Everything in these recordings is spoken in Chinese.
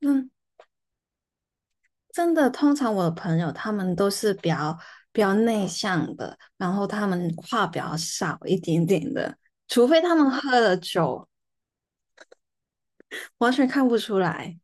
嗯，真的。通常我的朋友他们都是比较内向的，然后他们话比较少一点点的，除非他们喝了酒，完全看不出来。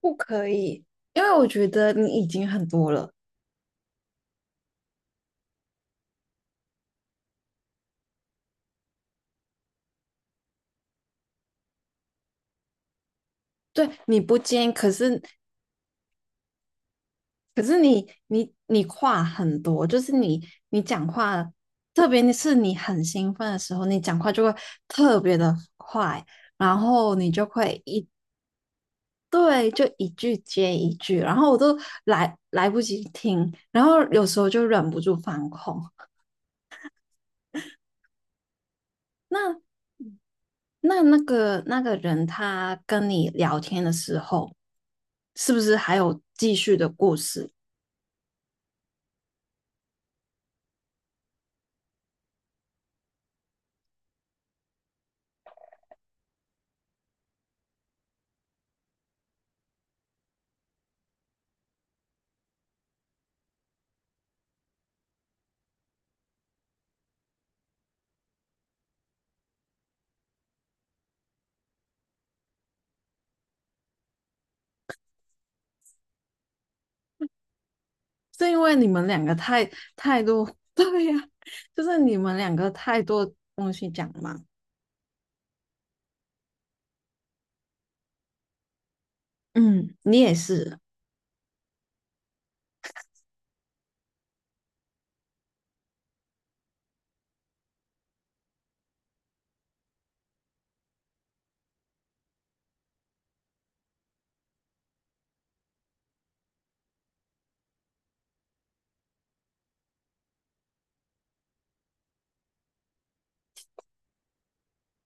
不可以，因为我觉得你已经很多了。对，你不尖，可是可是你话很多，就是你讲话，特别是你很兴奋的时候，你讲话就会特别的快，然后你就会一对，就一句接一句，然后我都来不及听，然后有时候就忍不住放空。那那个人他跟你聊天的时候，是不是还有继续的故事？是因为你们两个太太多，对呀，就是你们两个太多东西讲嘛。嗯，你也是。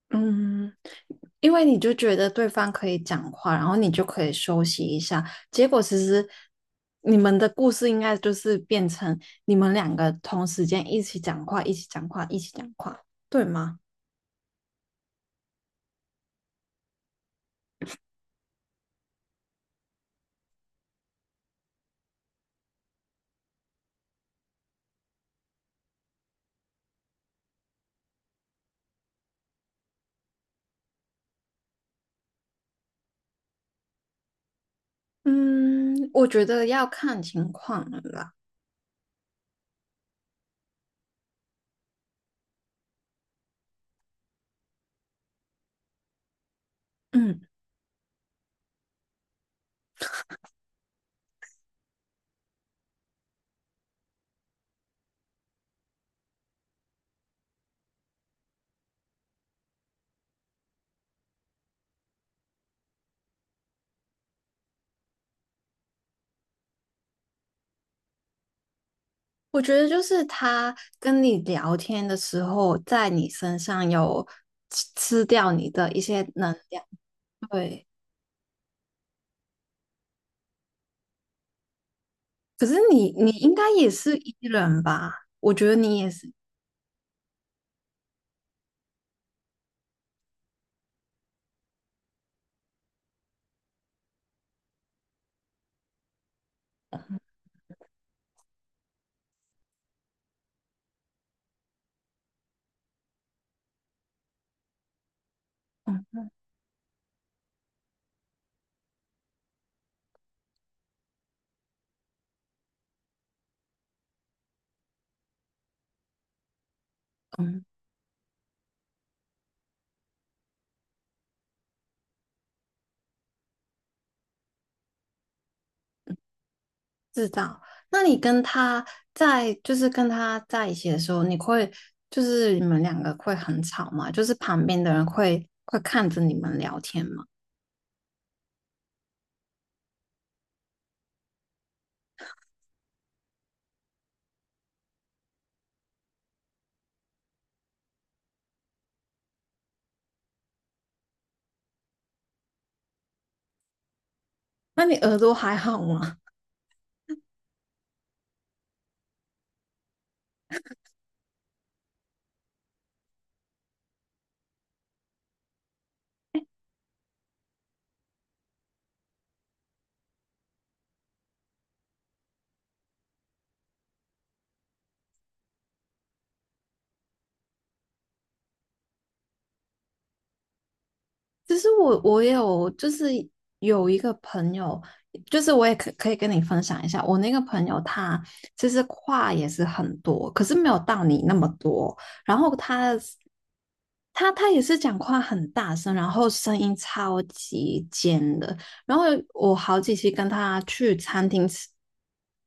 嗯，因为你就觉得对方可以讲话，然后你就可以休息一下。结果其实你们的故事应该就是变成你们两个同时间一起讲话，一起讲话，一起讲话，对吗？嗯，我觉得要看情况了啦。嗯，我觉得就是他跟你聊天的时候，在你身上有吃掉你的一些能量。对。可是你应该也是 E 人吧？我觉得你也是。嗯嗯，知道。那你跟他在，就是跟他在一起的时候，你会，就是你们两个会很吵吗？就是旁边的人会看着你们聊天吗？那你耳朵还好吗？其实我有就是有一个朋友，就是我也可以跟你分享一下，我那个朋友他其实话也是很多，可是没有到你那么多。然后他也是讲话很大声，然后声音超级尖的。然后我好几期跟他去餐厅吃。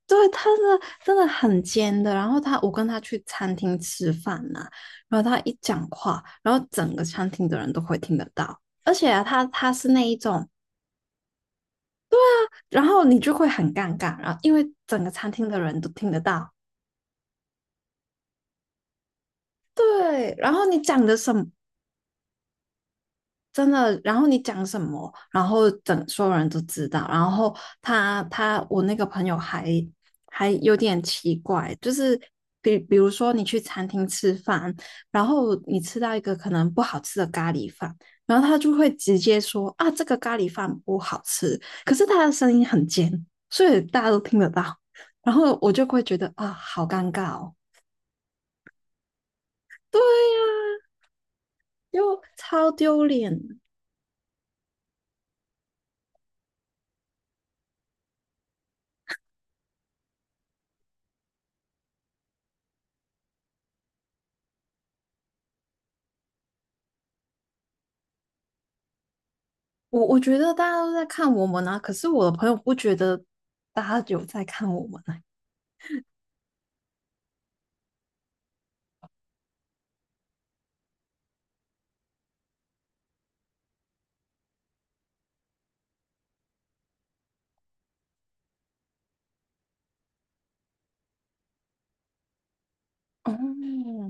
对，他是真的很尖的。然后他，我跟他去餐厅吃饭呐、然后他一讲话，然后整个餐厅的人都会听得到。而且啊，他是那一种，然后你就会很尴尬，然后因为整个餐厅的人都听得到。对，然后你讲的什么，真的，然后你讲什么，然后整所有人都知道。然后他我那个朋友还还有点奇怪，就是比如说你去餐厅吃饭，然后你吃到一个可能不好吃的咖喱饭，然后他就会直接说啊这个咖喱饭不好吃，可是他的声音很尖，所以大家都听得到。然后我就会觉得啊好尴尬哦。对呀、啊又超丢脸。我觉得大家都在看我们啊，可是我的朋友不觉得大家有在看我们啊。哦，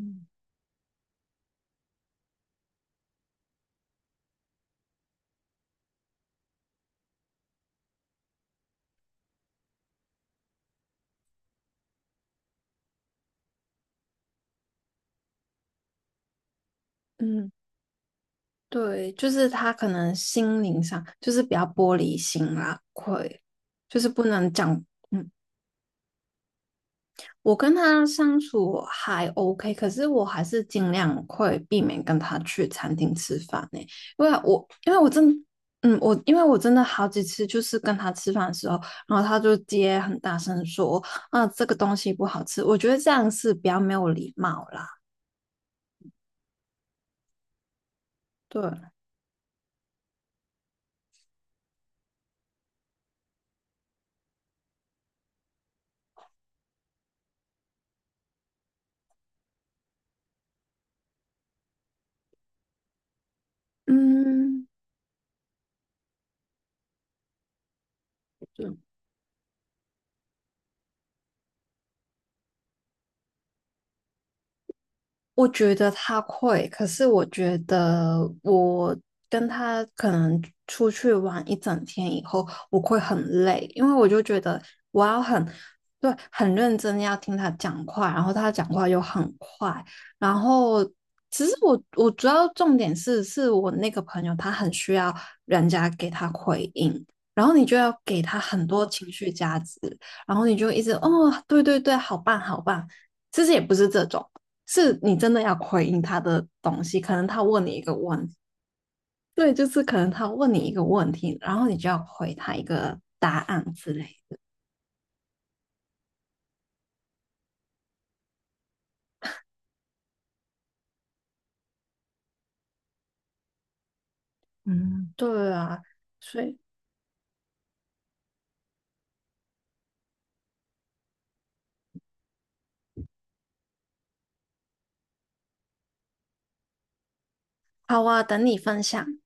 嗯，对，就是他可能心灵上就是比较玻璃心啦，会就是不能讲。嗯，我跟他相处还 OK，可是我还是尽量会避免跟他去餐厅吃饭呢、欸因为我真的嗯我因为我真的好几次就是跟他吃饭的时候，然后他就接很大声说，啊这个东西不好吃，我觉得这样是比较没有礼貌啦。对，嗯，对我觉得他会，可是我觉得我跟他可能出去玩一整天以后，我会很累，因为我就觉得我要很，对，很认真地要听他讲话，然后他讲话又很快，然后其实我主要重点是，是我那个朋友他很需要人家给他回应，然后你就要给他很多情绪价值，然后你就一直哦，对对对，好棒好棒，其实也不是这种。是你真的要回应他的东西，可能他问你一个问题，对，就是可能他问你一个问题，然后你就要回他一个答案之类。嗯，对啊，所以好啊，等你分享。